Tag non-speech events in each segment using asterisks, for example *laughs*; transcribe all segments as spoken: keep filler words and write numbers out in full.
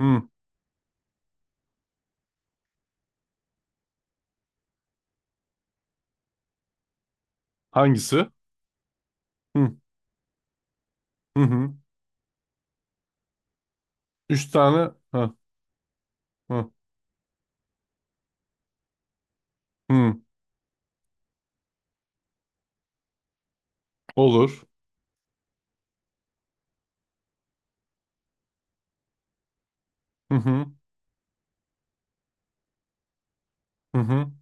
Hı. Hangisi? Hı. Hı hı. Üç tane. Hı. Hı. Hı. Olur. Hı hı. Hı hı.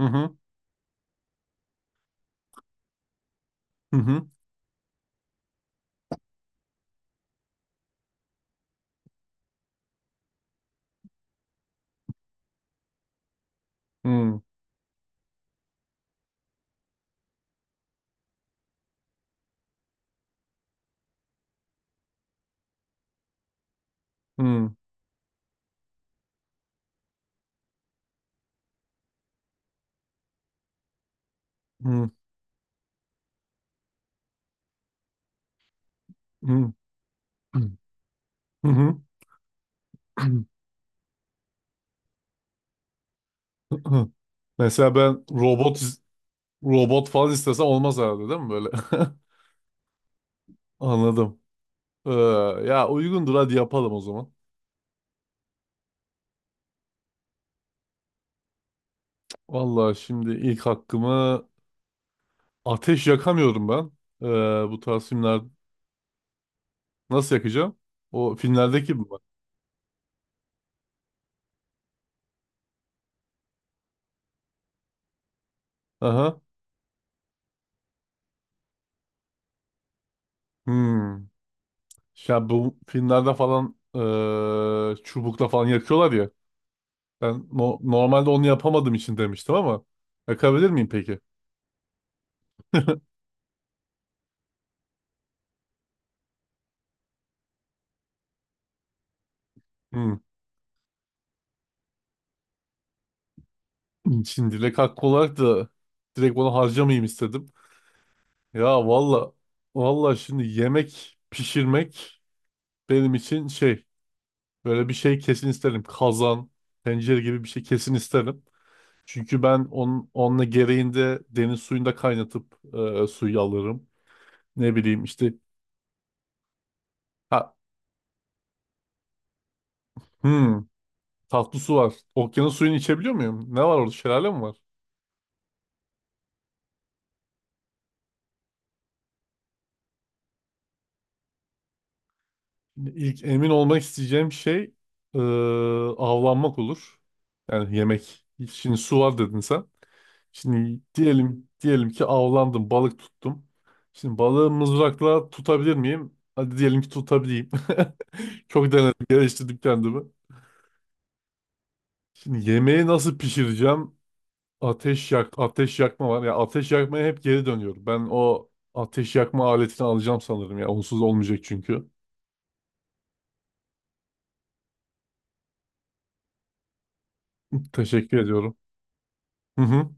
Hı hı. Hı hı. Hı. Hı. Hı. Hı. Hı hı. *clears throat* Mesela ben robot is- robot falan istesem olmaz herhalde değil mi böyle? *laughs* Anladım. Ee, Ya uygundur, hadi yapalım o zaman. Vallahi şimdi ilk hakkımı ateş yakamıyorum ben. Ee, Bu tarz filmler nasıl yakacağım? O filmlerdeki mi var? Aha. Hmm. Ya bu filmlerde falan eee, çubukla falan yakıyorlar ya. Ben no- normalde onu yapamadığım için demiştim ama yakabilir miyim peki? Hmm. Şimdi dilek hakkı olarak da direkt onu harcamayayım istedim. Ya valla, valla şimdi yemek pişirmek benim için şey, böyle bir şey kesin isterim. Kazan, tencere gibi bir şey kesin isterim. Çünkü ben onun, onunla gereğinde deniz suyunda kaynatıp eee, suyu alırım. Ne bileyim işte. Ha, hmm. Tatlı su var. Okyanus suyunu içebiliyor muyum? Ne var orada? Şelale mi var? İlk emin olmak isteyeceğim şey eee, avlanmak olur. Yani yemek. Şimdi su var dedin sen. Şimdi diyelim diyelim ki avlandım, balık tuttum. Şimdi balığı mızrakla tutabilir miyim? Hadi diyelim ki tutabileyim. *laughs* Çok denedim, geliştirdim kendimi. Şimdi yemeği nasıl pişireceğim? Ateş yak, ateş yakma var. Ya ateş yakmaya hep geri dönüyorum. Ben o ateş yakma aletini alacağım sanırım ya. Onsuz olmayacak çünkü. Teşekkür ediyorum. Hı hı.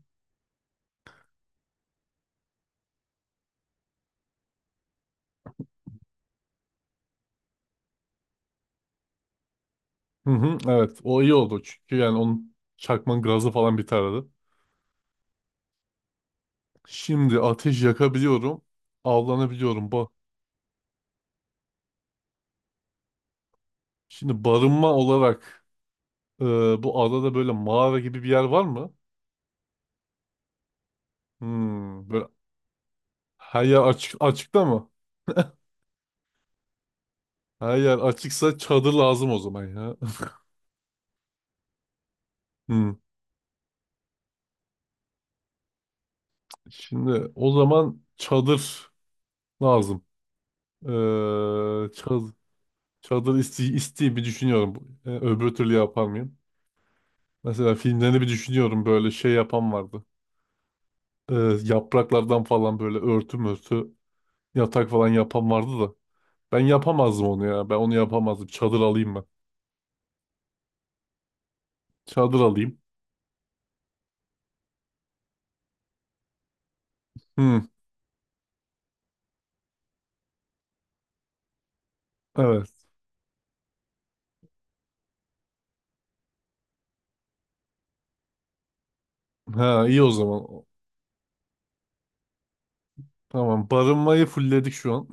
Hı hı. Evet, o iyi oldu. Çünkü yani onun, çakmanın gazı falan biterdi. Şimdi ateş yakabiliyorum. Avlanabiliyorum. Bu. Şimdi barınma olarak e, bu adada böyle mağara gibi bir yer var mı? Hmm, böyle her yer açık, açıkta mı? Her yer açıksa çadır lazım o zaman ya. *laughs* Hmm. Şimdi o zaman çadır lazım. Ee, Çadır, çadır isteği, isteği bir düşünüyorum. Ee, öbür türlü yapar mıyım? Mesela filmlerini bir düşünüyorum, böyle şey yapan vardı. Ee, Yapraklardan falan böyle örtü mörtü, yatak falan yapan vardı da. Ben yapamazdım onu ya. Ben onu yapamazdım. Çadır alayım ben. Çadır alayım. Hmm, evet. Ha, iyi o zaman. Tamam. Barınmayı fullledik şu an.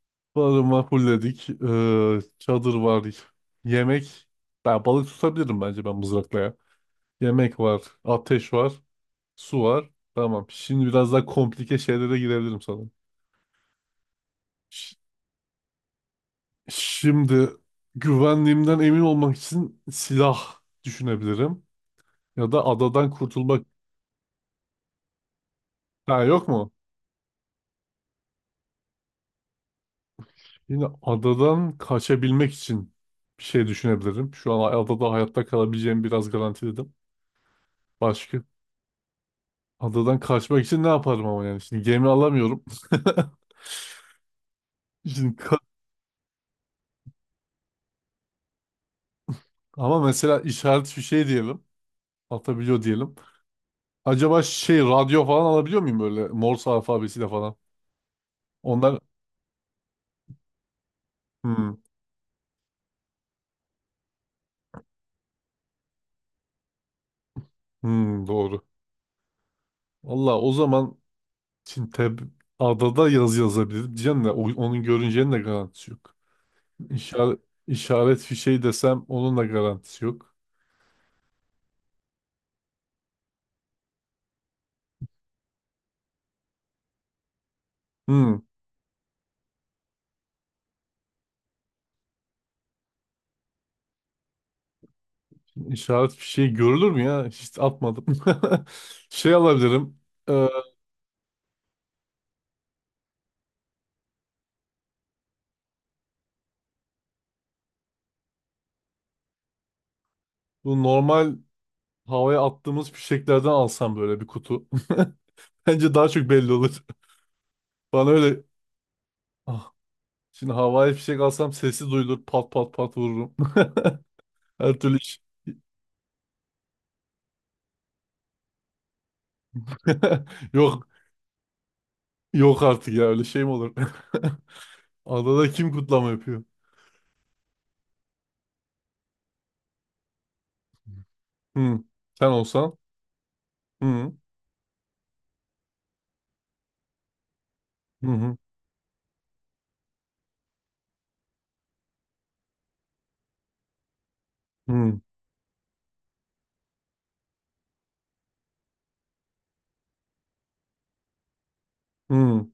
*laughs* Barınma fullledik. Ee, çadır var. Yemek. Ben balık tutabilirim bence, ben mızrakla ya. Yemek var. Ateş var. Su var. Tamam. Şimdi biraz daha komplike şeylere girebilirim sanırım. Şimdi güvenliğimden emin olmak için silah düşünebilirim. Ya da adadan kurtulmak. Ha, yok mu? Yine adadan kaçabilmek için bir şey düşünebilirim. Şu an adada hayatta kalabileceğimi biraz garantiledim. Başka? Adadan kaçmak için ne yaparım ama yani? Şimdi gemi alamıyorum. *laughs* Şimdi ka- ama mesela işaret fişeği diyelim. Atabiliyor diyelim. Acaba şey, radyo falan alabiliyor muyum böyle Morse alfabesiyle falan? Onlar... Hmm, hmm, doğru. Valla o zaman Şimdi tab adada yaz yazabilirim. Diyeceğim de o- onun görüneceğinin de garantisi yok. İşaret, işaret fişeği desem onun da garantisi yok. Hmm, işaret fişeği görülür mü ya? Hiç atmadım. *laughs* Şey alabilirim. e, Bu normal havaya attığımız fişeklerden alsam böyle bir kutu. *laughs* Bence daha çok belli olur. Bana öyle, ah, şimdi havai fişek alsam sesi duyulur. Pat pat pat vururum. *laughs* Her türlü iş. *laughs* Yok. Yok artık ya, öyle şey mi olur? *laughs* Adada kim kutlama yapıyor? Hı. Sen olsan. Hı. Hı hı. Hı. Hı.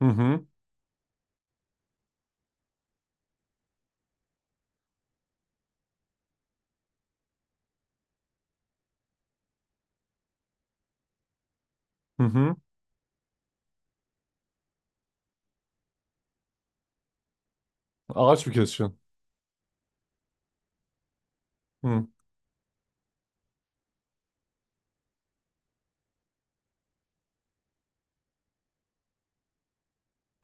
Hı hı. Hı hı. Ağaç mı keseceksin? Hı.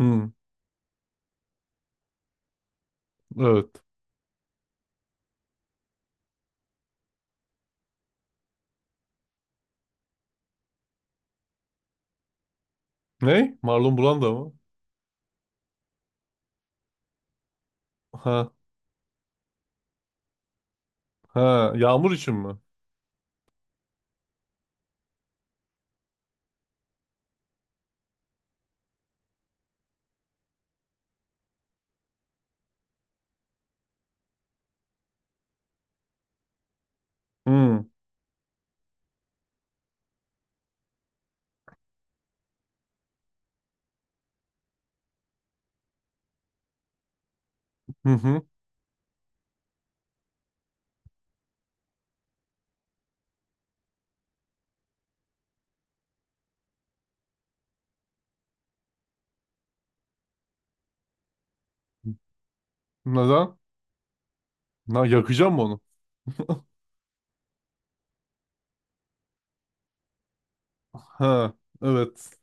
Hı. Evet. Ne? Marlon Brando mı? Ha. Ha. Yağmur için mi? Hı. Hı hı. Neden? Na, yakacağım mı onu? Ha. Evet.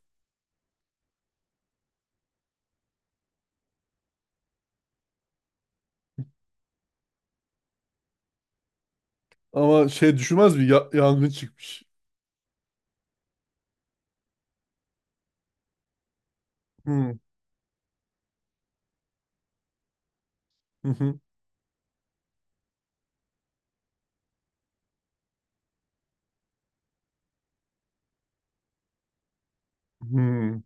Ama şey düşünmez mi? Ya- yangın çıkmış. Hı. Hı hı. Hı.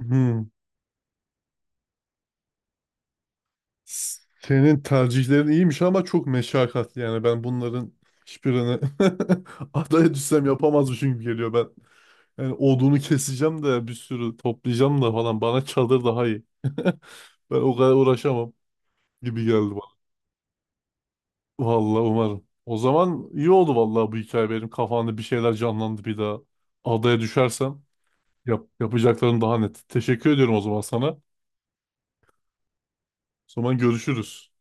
Hı. Senin tercihlerin iyiymiş ama çok meşakkatli yani, ben bunların hiçbirini *laughs* adaya düşsem yapamazmışım gibi geliyor ben. Yani odunu keseceğim de, bir sürü toplayacağım da falan, bana çadır daha iyi. *laughs* Ben o kadar uğraşamam gibi geldi bana. Vallahi umarım. O zaman iyi oldu vallahi, bu hikaye benim kafamda bir şeyler canlandı bir daha. Adaya düşersem yap, yapacaklarım daha net. Teşekkür ediyorum o zaman sana. O zaman görüşürüz.